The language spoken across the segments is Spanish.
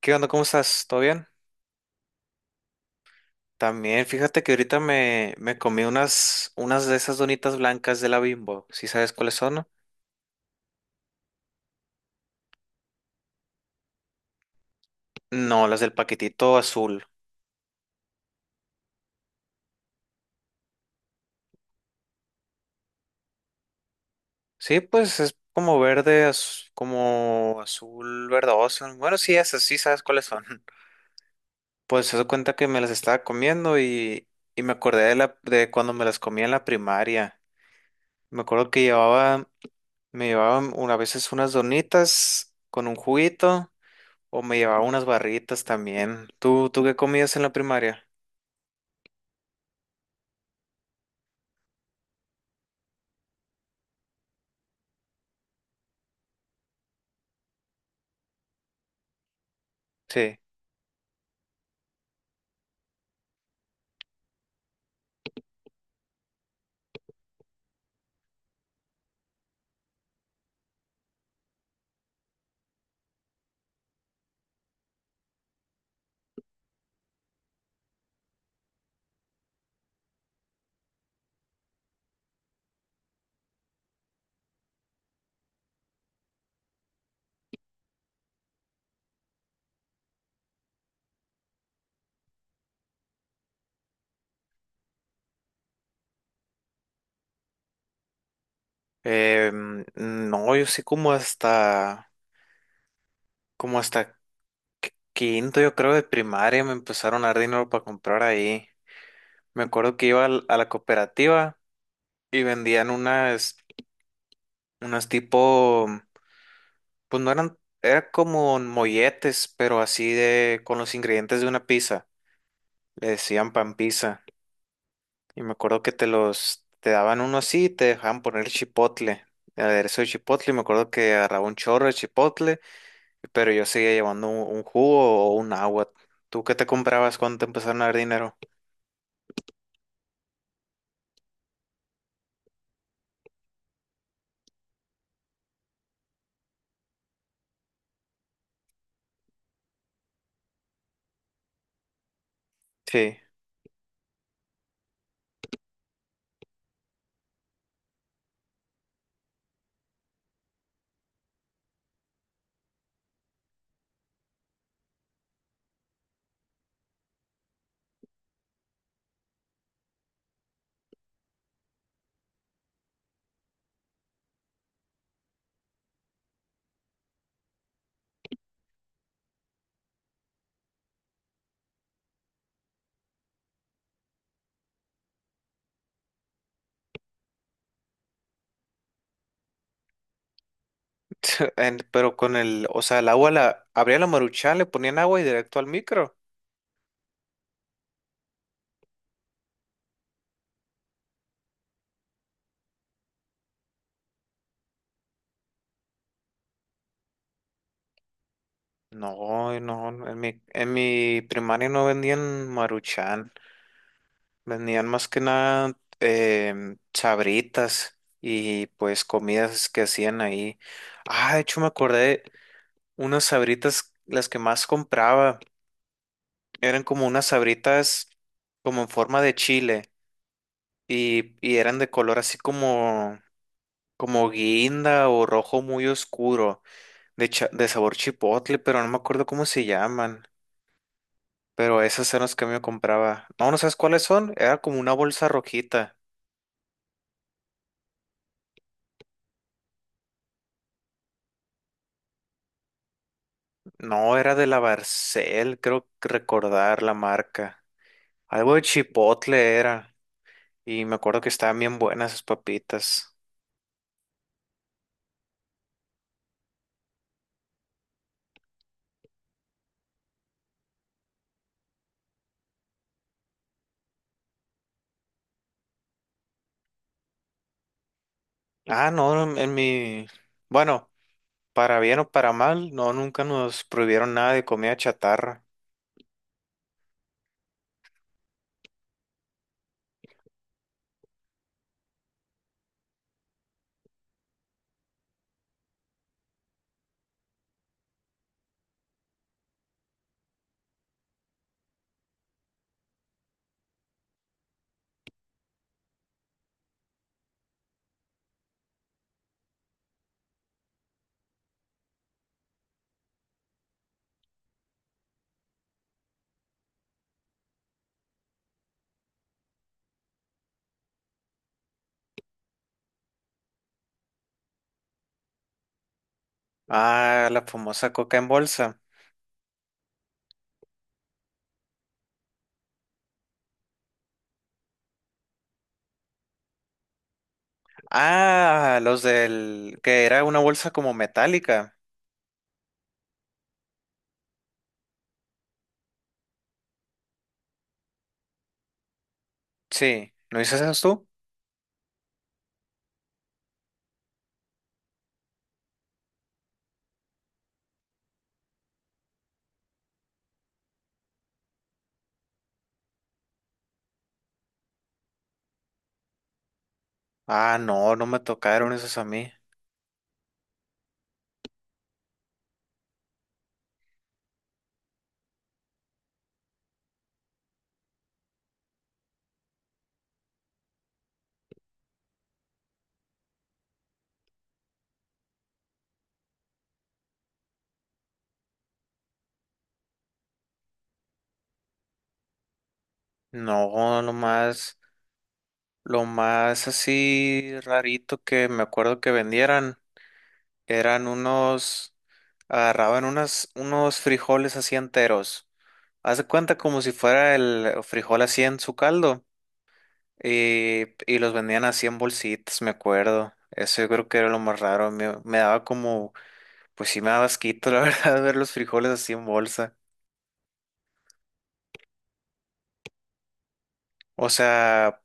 ¿Qué onda? ¿Cómo estás? ¿Todo bien? También, fíjate que ahorita me comí unas de esas donitas blancas de la Bimbo. ¿Sí sabes cuáles son? No, no, las del paquetito azul. Sí, pues es como verde, como azul verdoso. Bueno, sí, esas, sí sabes cuáles son. Pues se da cuenta que me las estaba comiendo y me acordé de cuando me las comía en la primaria. Me acuerdo que llevaba, me llevaban una, a veces unas donitas con un juguito. O me llevaba unas barritas también. ¿Tú qué comías en la primaria? Sí. Eh, mm, no, yo sí como hasta quinto, yo creo, de primaria me empezaron a dar dinero para comprar ahí. Me acuerdo que iba a la cooperativa y vendían unas, unas tipo, pues no eran, era como molletes, pero así de, con los ingredientes de una pizza. Le decían pan pizza. Y me acuerdo que te los, te daban uno así y te dejaban poner chipotle, el aderezo de chipotle. Y me acuerdo que agarraba un chorro de chipotle, pero yo seguía llevando un jugo o un agua. ¿Tú qué te comprabas cuando te empezaron a dar dinero? Sí, en- pero con el, o sea, el agua la, abría la maruchan, le ponían agua y directo al micro. No, no, en mi primaria no vendían maruchan. Vendían más que nada sabritas y pues comidas que hacían ahí. Ah, de hecho me acordé, unas sabritas, las que más compraba, eran como unas sabritas como en forma de chile y eran de color así como, como guinda o rojo muy oscuro, de, de sabor chipotle, pero no me acuerdo cómo se llaman. Pero esas eran las que me compraba. No, no sabes cuáles son. Era como una bolsa rojita. No, era de la Barcel, creo que recordar la marca. Algo de chipotle era. Y me acuerdo que estaban bien buenas esas papitas. Ah, no, en mi... Bueno, para bien o para mal, no, nunca nos prohibieron nada de comida chatarra. Ah, la famosa coca en bolsa. Ah, los del... que era una bolsa como metálica. Sí, ¿no dices eso tú? Ah, no, no me tocaron esos a mí. No, nomás. Lo más así rarito que me acuerdo que vendieran eran unos, agarraban unas, unos frijoles así enteros. Haz de cuenta como si fuera el frijol así en su caldo. Y los vendían así en bolsitas, me acuerdo. Eso yo creo que era lo más raro. Me daba como, pues sí me daba asquito, la verdad, ver los frijoles así en bolsa. O sea,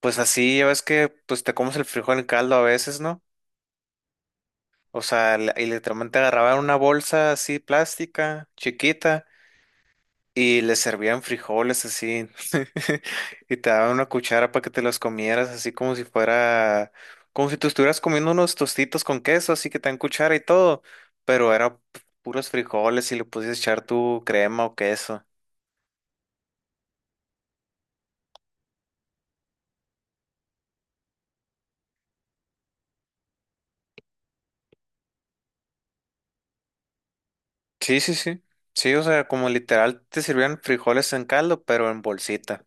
pues así, ya ves que pues te comes el frijol en caldo a veces, ¿no? O sea, y literalmente agarraban una bolsa así plástica, chiquita, y les servían frijoles así. Y te daban una cuchara para que te los comieras, así como si fuera, como si tú estuvieras comiendo unos tostitos con queso, así que te dan cuchara y todo. Pero era puros frijoles y le podías echar tu crema o queso. Sí, sí, sí. Sí, o sea, como literal te sirvían frijoles en caldo, pero en bolsita.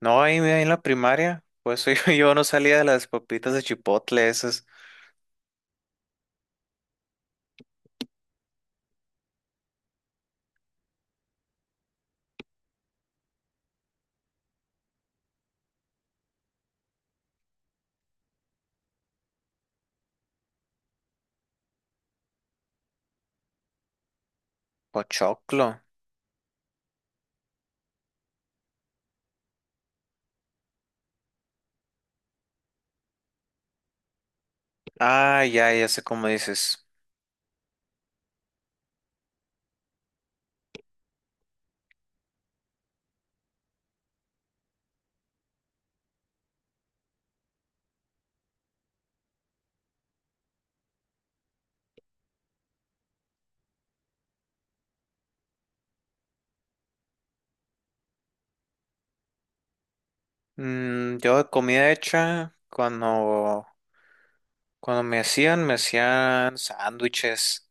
No, ahí en la primaria, pues yo no salía de las papitas de chipotle esas. Pochoclo. Ah, ya, ya sé cómo dices. Mm, yo de comida hecha, cuando, cuando me hacían sándwiches.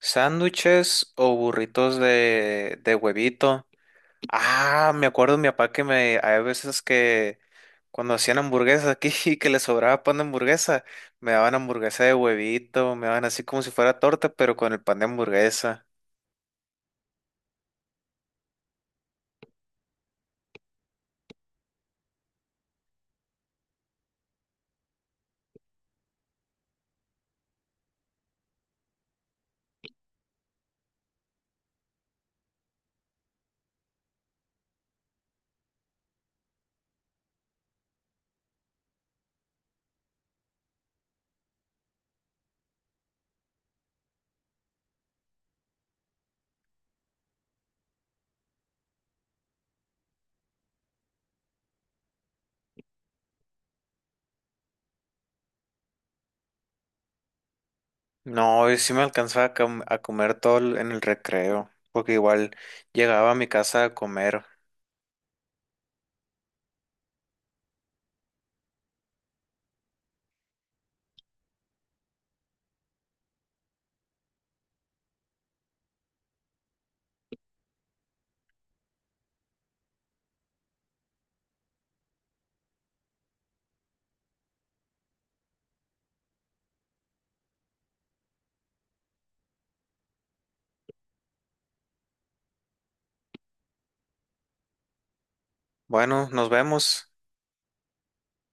Sándwiches o burritos de huevito. Ah, me acuerdo de mi papá que me, hay veces que cuando hacían hamburguesas aquí y que le sobraba pan de hamburguesa, me daban hamburguesa de huevito, me daban así como si fuera torta, pero con el pan de hamburguesa. No, yo sí me alcanzaba a, a comer en el recreo, porque igual llegaba a mi casa a comer. Bueno, nos vemos.